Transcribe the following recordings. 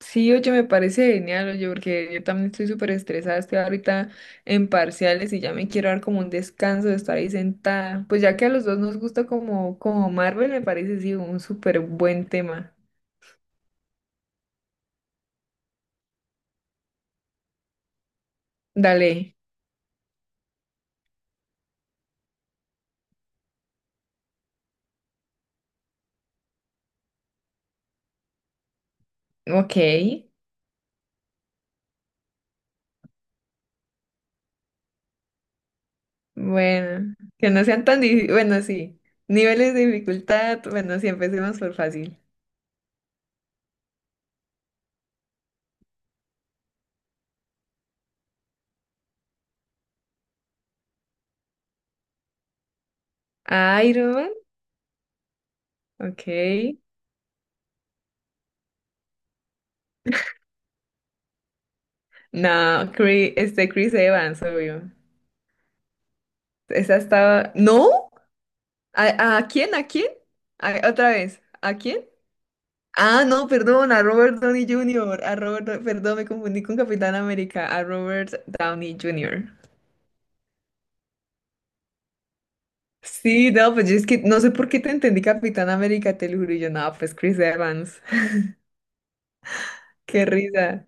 Sí, oye, me parece genial, oye, porque yo también estoy súper estresada, estoy ahorita en parciales y ya me quiero dar como un descanso de estar ahí sentada. Pues ya que a los dos nos gusta como Marvel, me parece sí un súper buen tema. Dale, ok, bueno, que no sean tan difíciles, bueno, sí, niveles de dificultad, bueno, sí, empecemos por fácil. Iron Man, ok. No, Chris, Chris Evans, obvio. Esa estaba, ¿no? ¿A quién? ¿A quién? Otra vez. ¿A quién? Ah, no, perdón, a Robert Downey Jr. A Robert, perdón, me confundí con Capitán América, a Robert Downey Jr. Sí, no, pues yo es que no sé por qué te entendí Capitán América, te lo juro, y yo no, pues Chris Evans. Qué risa.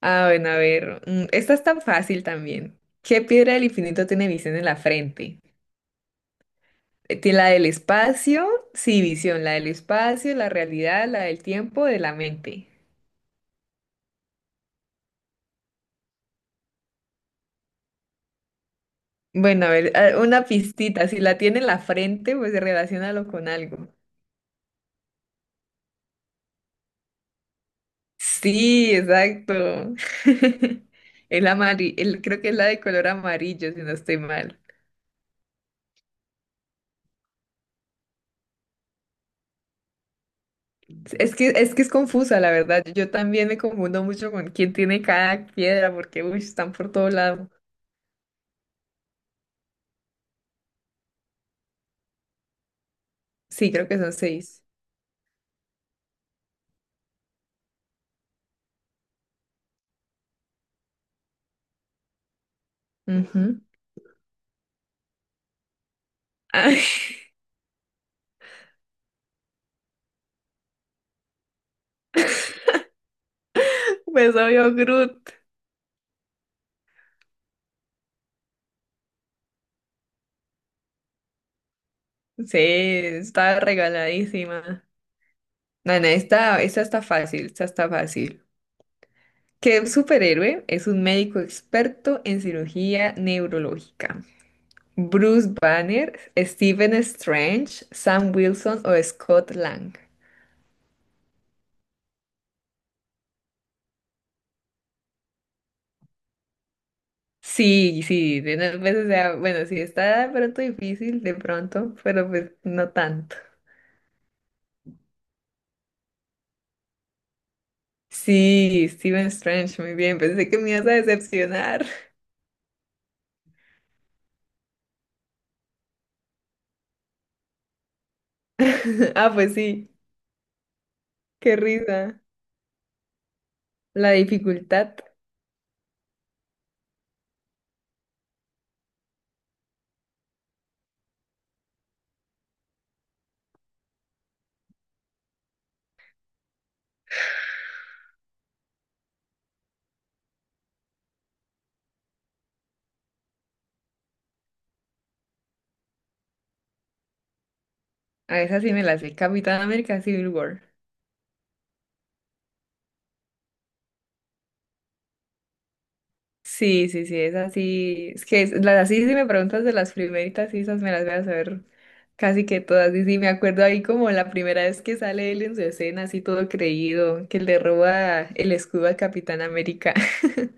Ah, bueno, a ver, esta es tan fácil también. ¿Qué piedra del infinito tiene visión en la frente? Tiene la del espacio, sí, visión, la del espacio, la realidad, la del tiempo, de la mente. Bueno, a ver, una pistita. Si la tiene en la frente, pues relaciónalo con algo. Sí, exacto. El amarillo, el, creo que es la de color amarillo, si no estoy mal. Es que, es que es confusa, la verdad. Yo también me confundo mucho con quién tiene cada piedra, porque uy, están por todo lado. Sí, creo que son seis. Ujú. Ay, pues obvio, Groot. Sí, está regaladísima. No, no, esta está fácil, esta está fácil. ¿Qué superhéroe es un médico experto en cirugía neurológica? Bruce Banner, Stephen Strange, Sam Wilson o Scott Lang. Sí, sí, de unas veces, o sea, bueno, sí está de pronto difícil, de pronto, pero pues no tanto. Sí, Stephen Strange, muy bien, pensé que me ibas a decepcionar. Ah, pues sí, qué risa. La dificultad, a esa sí me la sé, Capitán América Civil War. Sí, sí, sí, es así. Es que es- las así, si me preguntas de las primeritas, sí, esas me las voy a saber casi que todas. Y sí, me acuerdo ahí como la primera vez que sale él en su escena, así todo creído, que le roba el escudo al Capitán América.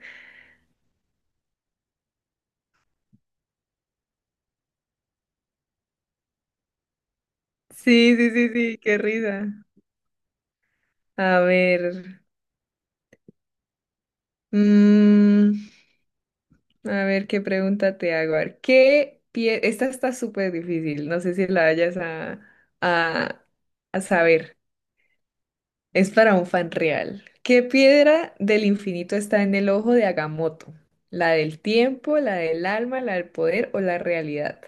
Sí, sí, sí, sí, qué risa. A ver, mm, a ver qué pregunta te hago. A ver, ¿qué pie... Esta está súper difícil, no sé si la vayas a, a saber. Es para un fan real. ¿Qué piedra del infinito está en el ojo de Agamotto? ¿La del tiempo, la del alma, la del poder o la realidad?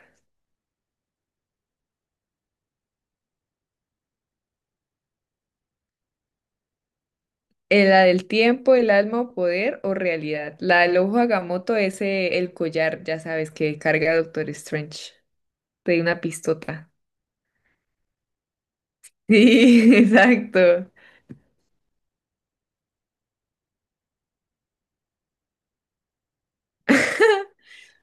La del tiempo, el alma o poder o realidad. La del ojo de Agamotto es el collar, ya sabes, que carga Doctor Strange. Te di una pistota. Sí, exacto.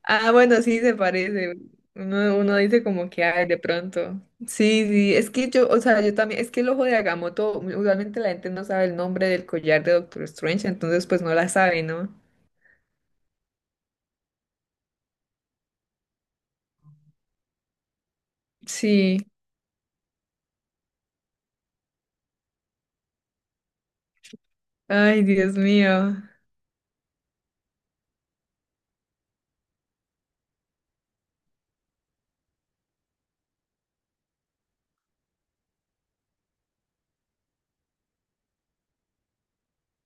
Ah, bueno, sí se parece. Uno dice como que, ay, de pronto. Sí, sí, es que yo, o sea, yo también, es que el ojo de Agamotto, usualmente la gente no sabe el nombre del collar de Doctor Strange, entonces pues no la sabe, ¿no? Sí. Ay, Dios mío.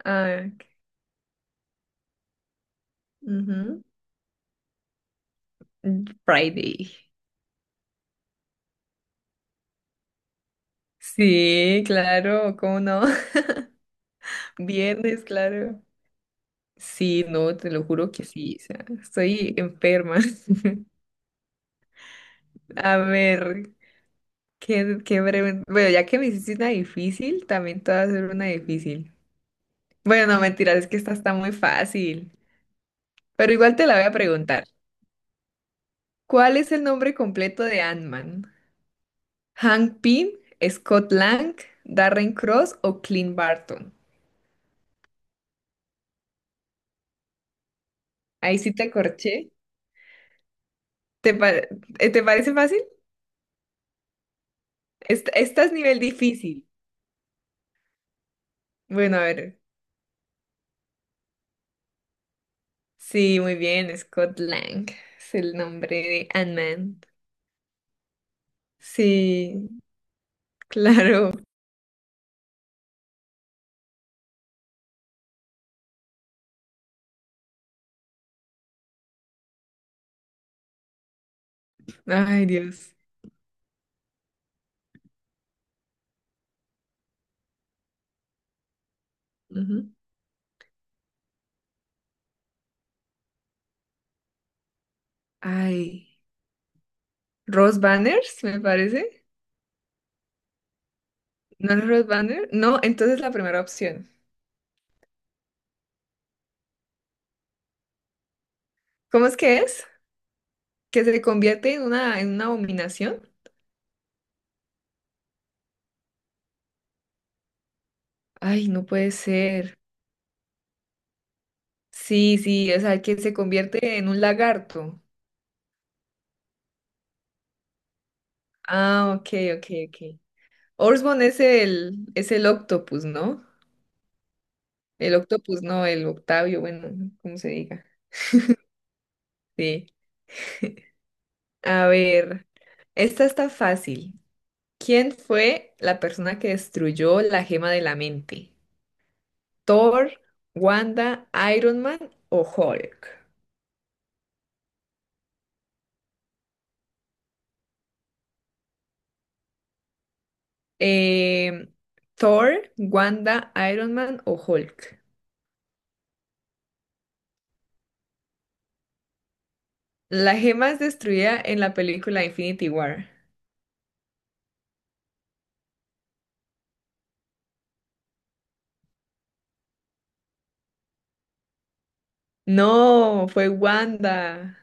Ay, ujú. Friday. Sí, claro, ¿cómo no? Viernes, claro. Sí, no, te lo juro que sí, o sea, estoy enferma. A ver. Qué breve. Bueno, ya que me hiciste una difícil, también te voy a hacer una difícil. Bueno, no, mentiras, es que esta está muy fácil. Pero igual te la voy a preguntar. ¿Cuál es el nombre completo de Ant-Man? ¿Hank Pym, Scott Lang, Darren Cross o Clint Barton? Ahí sí te corché. ¿Te, pa- ¿Te parece fácil? Esta es nivel difícil. Bueno, a ver. Sí, muy bien, Scott Lang. Es el nombre de Ant-Man. Sí, claro. Ay, Dios. Ujú. Ay, Rose Banners, me parece. ¿No es Rose Banner? No, entonces la primera opción. ¿Cómo es? ¿Que se convierte en una abominación? Ay, no puede ser. Sí, sí, o sea, que se convierte en un lagarto. Ah, ok, ok, ok. Orsborn es el octopus, ¿no? El octopus, no, el Octavio, bueno, como se diga. Sí. A ver, esta está fácil. ¿Quién fue la persona que destruyó la gema de la mente? Thor, Wanda, Iron Man o Hulk. Em, Thor, Wanda, Iron Man o Hulk. La gema es destruida en la película Infinity War. No, fue Wanda.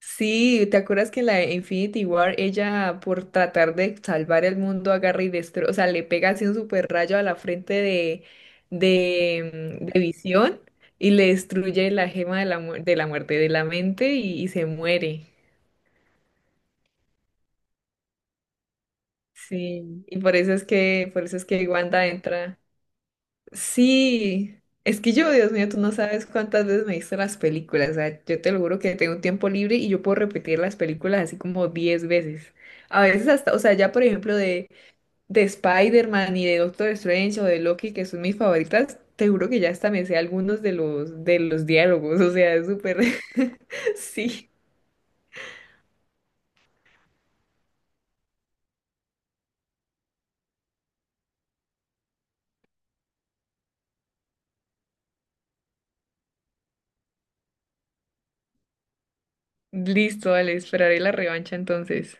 Sí, ¿te acuerdas que en la de Infinity War ella por tratar de salvar el mundo agarra y destruye, o sea, le pega así un super rayo a la frente de Visión y le destruye la gema de la, mu- de la muerte de la mente y se muere. Sí, y por eso es que Wanda entra. Sí, es que yo, Dios mío, tú no sabes cuántas veces me he visto las películas. O sea, yo te lo juro que tengo un tiempo libre y yo puedo repetir las películas así como 10 veces. A veces hasta, o sea, ya por ejemplo de Spider-Man y de Doctor Strange o de Loki, que son mis favoritas, te juro que ya hasta me sé algunos de los diálogos. O sea, es súper. Sí. Listo, vale, esperaré la revancha entonces.